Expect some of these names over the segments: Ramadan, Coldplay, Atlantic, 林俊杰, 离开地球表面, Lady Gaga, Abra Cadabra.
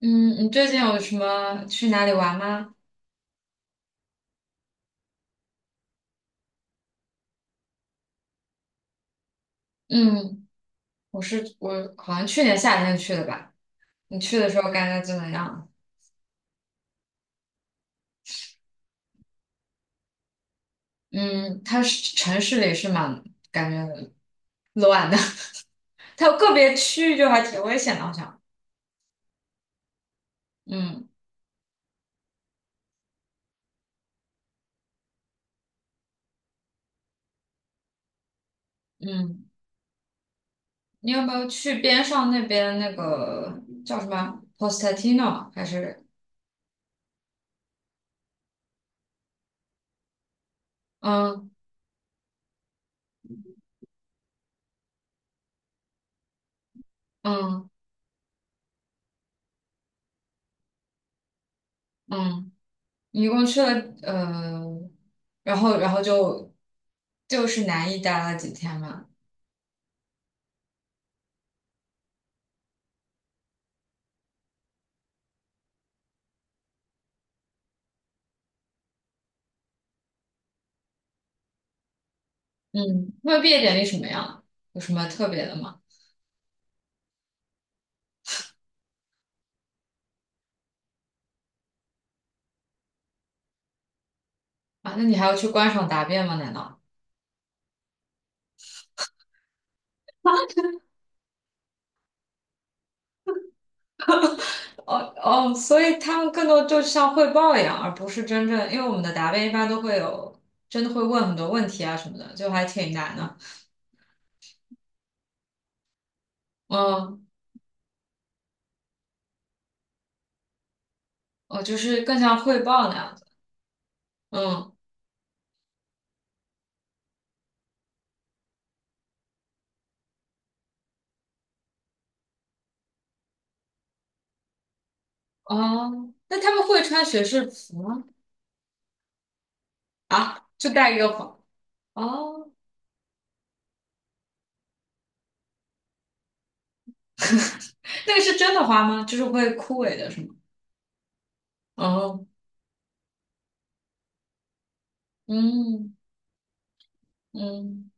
嗯，你最近有什么去哪里玩吗？嗯，我好像去年夏天去的吧。你去的时候感觉怎么样？嗯，它是城市里是蛮感觉乱的，它有个别区域就还挺危险的，好像。嗯嗯，你有没有去边上那边那个叫什么 p o s t a t i n o 还是嗯嗯嗯，你一共去了呃，然后就是南意待了几天嘛？嗯，那毕业典礼什么样？有什么特别的吗？啊，那你还要去观赏答辩吗？难道？哦哦，所以他们更多就像汇报一样，而不是真正，因为我们的答辩一般都会有，真的会问很多问题啊什么的，就还挺难的。嗯，哦，就是更像汇报那样子。嗯，哦，那他们会穿学士服吗？啊，就戴一个花。哦，那个是真的花吗？就是会枯萎的是吗？哦，嗯嗯。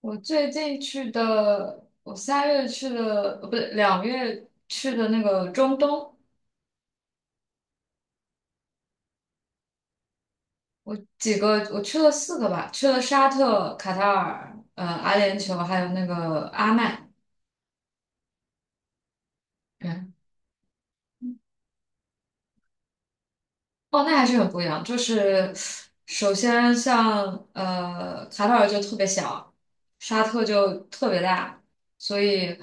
我最近去的，我三月去的，不对，2月去的那个中东，我几个，我去了四个吧，去了沙特、卡塔尔、阿联酋，还有那个阿曼。哦，那还是很不一样。就是首先像卡塔尔就特别小，沙特就特别大，所以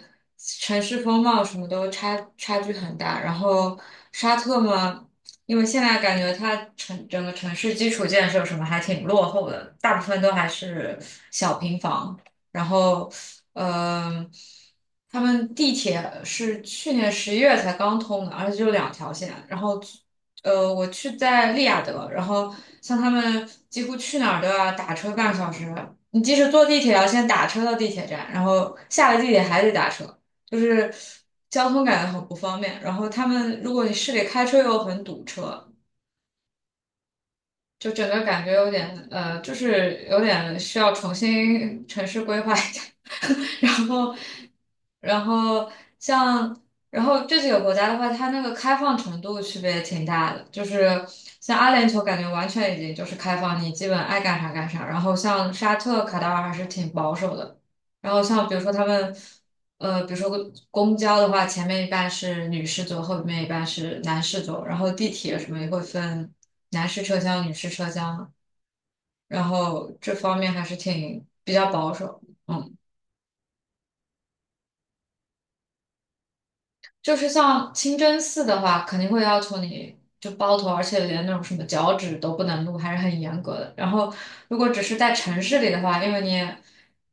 城市风貌什么都差距很大。然后沙特嘛，因为现在感觉它整个城市基础建设什么还挺落后的，大部分都还是小平房。然后，嗯、他们地铁是去年11月才刚通的，而且就2条线，然后。我去在利雅得，然后像他们几乎去哪儿都要打车半个小时，你即使坐地铁要先打车到地铁站，然后下了地铁还得打车，就是交通感觉很不方便。然后他们如果你市里开车又很堵车，就整个感觉有点就是有点需要重新城市规划一下，然后，然后像，然后这几个国家的话，它那个开放程度区别也挺大的，就是像阿联酋感觉完全已经就是开放，你基本爱干啥干啥，然后像沙特、卡塔尔还是挺保守的，然后像比如说他们。比如说公交的话，前面一半是女士后男然地铁什么也会分。男士车厢、女士车厢啊然后这方面还是挺比较保守。嗯，就是像清真寺的话，肯定会要求你就包头，而且连那种什么脚趾都不能露，还是很严格的。然后如果只是在城市里的话，因为你也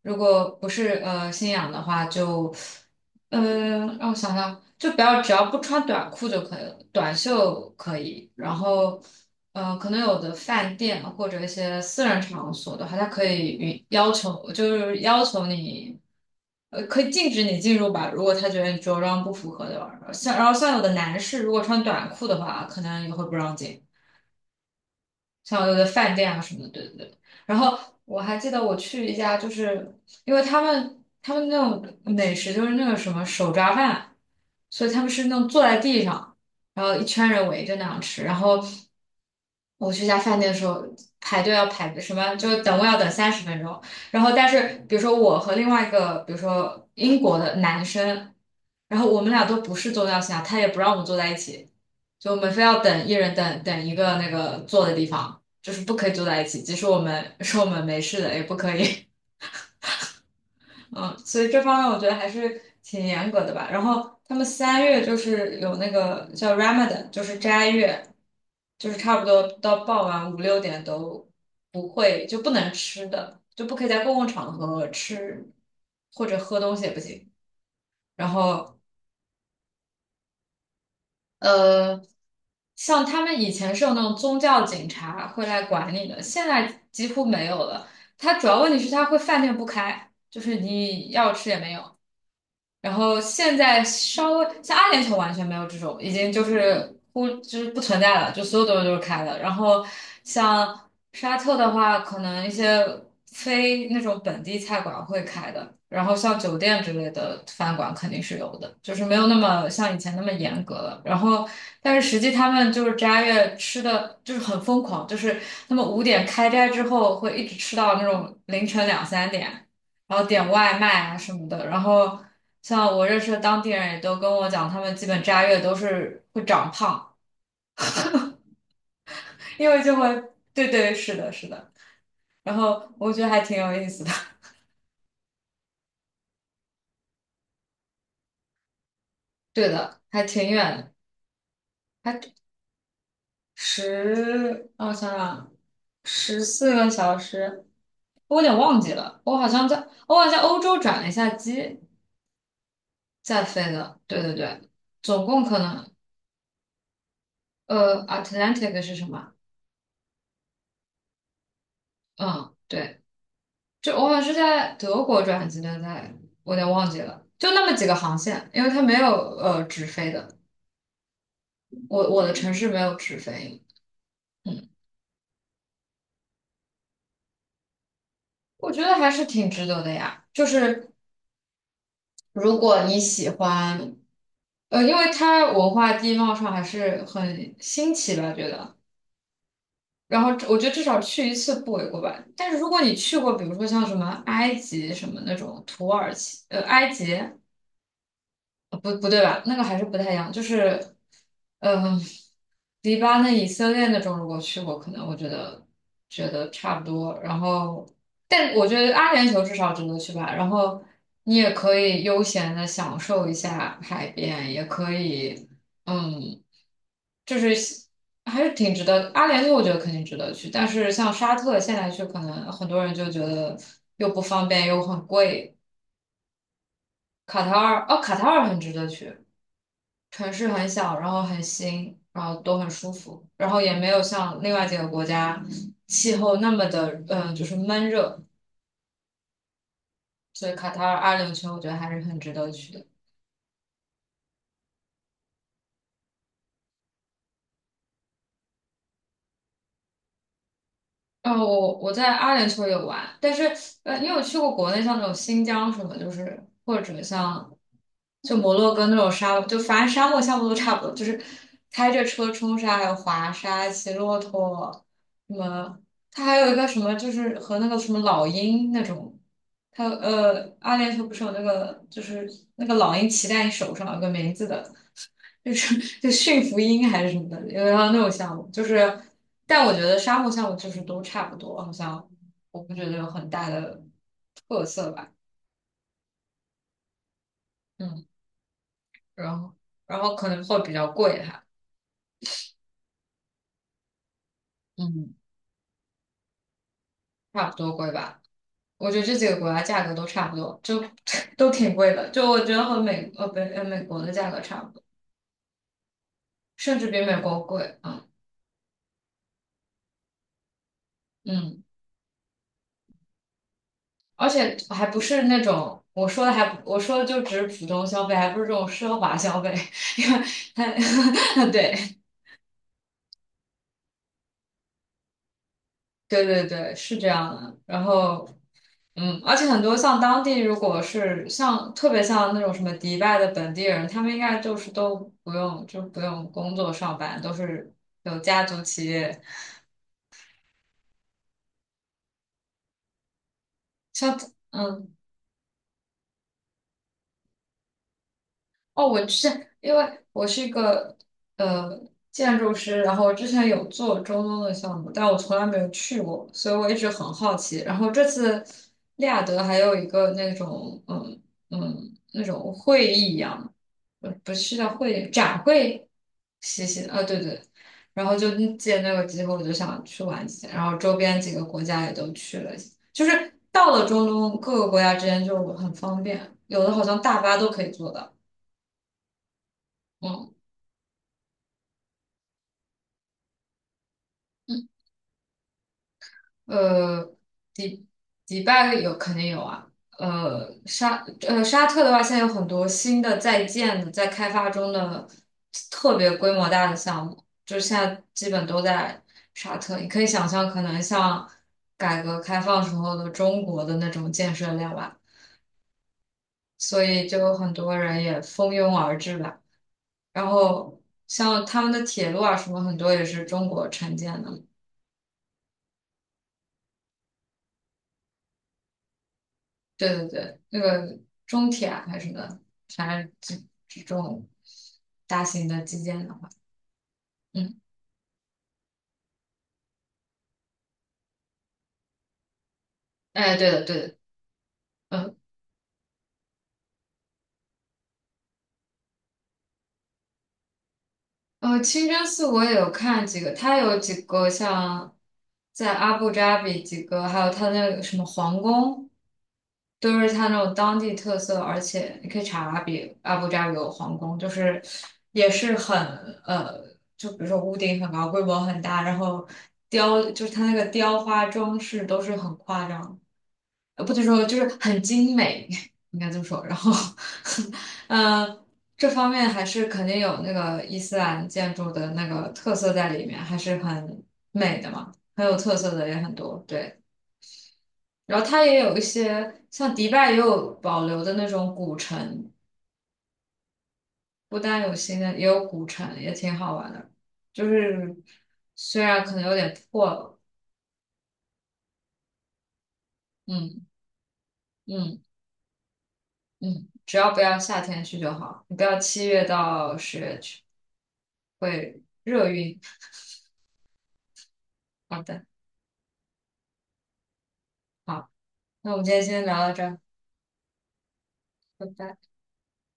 如果不是信仰的话，就嗯，让我想想，就不要只要不穿短裤就可以了，短袖可以。然后，可能有的饭店啊或者一些私人场所的话，他可以允要求，就是要求你，可以禁止你进入吧。如果他觉得你着装不符合的话，像然后像有的男士如果穿短裤的话，可能也会不让进。像有的饭店啊什么的，对对对。然后我还记得我去一家，就是因为他们那种美食就是那个什么手抓饭，所以他们是那种坐在地上，然后一圈人围着那样吃。然后我去一家饭店的时候，排队要排什么，就等位要等30分钟。然后但是比如说我和另外一个，比如说英国的男生，然后我们俩都不是宗教信仰，他也不让我们坐在一起。就我们非要等一人等一个那个坐的地方，就是不可以坐在一起，即使我们说 我们没事的，也不可以。嗯，所以这方面我觉得还是挺严格的吧。然后他们三月就是有那个叫 Ramadan,就是斋月，就是差不多到傍晚5、6点都不会就不能吃的，就不可以在公共场合吃或者喝东西也不行。然后呃，像他们以前是有那种宗教警察会来管理的，现在几乎没有了。它主要问题是它会饭店不开，就是你要吃也没有。然后现在稍微像阿联酋完全没有这种，已经就是就是不存在了，就所有东西都是开的。然后像沙特的话，可能一些非那种本地菜馆会开的，然后像酒店之类的饭馆肯定是有的，就是没有那么像以前那么严格了。然后但是实际他们就是斋月吃的就是很疯狂，就是他们5点开斋之后会一直吃到那种凌晨2、3点。然后点外卖啊什么的。然后像我认识的当地人也都跟我讲，他们基本斋月都是会长胖，因为就会，对对，是的，是的。然后我觉得还挺有意思的，对的，还挺远的，还十，让我想想啊，14个小时，我有点忘记了，我好像在，我好像欧洲转了一下机再飞的，对对对，总共可能，Atlantic 是什么？嗯。对。就我好像是在德国转机的，在我有点忘记了，就那么几个航线，因为它没有直飞的，我的城市没有直飞，嗯，我觉得还是挺值得的呀。就是如果你喜欢，因为它文化地貌上还是很新奇吧，觉得。然后我觉得至少去一次不为过吧。但是如果你去过，比如说像什么埃及什么那种土耳其，埃及。不不对吧？那个还是不太一样，就是，嗯、迪巴那以色列那种，如果去过，可能我觉得觉得差不多。然后，但我觉得阿联酋至少值得去吧。然后你也可以悠闲的享受一下海边，也可以，嗯，就是还是挺值得。阿联酋我觉得肯定值得去，但是像沙特现在去，可能很多人就觉得又不方便又很贵。卡塔尔，哦，卡塔尔很值得去。城市很小，然后很新，然后都很舒服，然后也没有像另外几个国家气候那么的，就是闷热，所以卡塔尔阿联酋我觉得还是很值得去的。哦，我在阿联酋有玩，但是你有去过国内像那种新疆什么，就是或者像就摩洛哥那种沙漠，就反正沙漠项目都差不多，就是开着车冲沙，还有滑沙、骑骆驼，什么，它还有一个什么，就是和那个什么老鹰那种，它阿联酋不是有那个就是那个老鹰骑在你手上有个名字的，就是就驯服鹰还是什么的，有要那种项目，就是，但我觉得沙漠项目就是都差不多，好像我不觉得有很大的特色吧，嗯，然后然后可能会比较贵哈，嗯，差不多贵吧，我觉得这几个国家价格都差不多，就 都挺贵的，就我觉得和美呃不呃美国的价格差不多，甚至比美国贵啊，嗯。嗯而且还不是那种我说的还不我说的就只是普通消费，还不是这种奢华消费，因为它 对对对对是这样的。然后嗯，而且很多像当地如果是像特别像那种什么迪拜的本地人，他们应该就是都不用工作上班，都是有家族企业，像嗯。哦，我之前因为我是一个呃建筑师，然后之前有做中东的项目，但我从来没有去过，所以我一直很好奇。然后这次利雅得还有一个那种嗯嗯那种会议一样，不是叫会议展会，谢谢啊，对对。然后就嗯借那个机会，我就想去玩一下，然后周边几个国家也都去了一下就是到了中东各个国家之间就很方便，有的好像大巴都可以坐到。嗯嗯呃，迪迪拜有肯定有啊。沙特的话，现在有很多新的在建的、在开发中的特别规模大的项目，就是现在基本都在沙特。你可以想象，可能像改革开放时候的中国的那种建设量吧，所以就有很多人也蜂拥而至吧。然后像他们的铁路啊什么，很多也是中国承建的。对对对，那个中铁啊还是什么的，反正这这种大型的基建的话，嗯，哎，对的对的，嗯。清真寺我也有看几个，它有几个像在阿布扎比几个，还有它那个什么皇宫，都是它那种当地特色，而且你可以查阿布扎比有皇宫，就是也是很呃，就比如说屋顶很高，规模很大，然后雕就是它那个雕花装饰都是很夸张的。不能说就是很精美，应该这么说。然后，嗯，这方面还是肯定有那个伊斯兰建筑的那个特色在里面，还是很美的嘛，很有特色的也很多。对，然后它也有一些像迪拜也有保留的那种古城，不单有新的，也有古城，也挺好玩的。就是虽然可能有点破了，嗯嗯嗯，只要不要夏天去就好，你不要7月到10月去。会热晕。好的，好，那我们今天先聊到这儿，拜拜。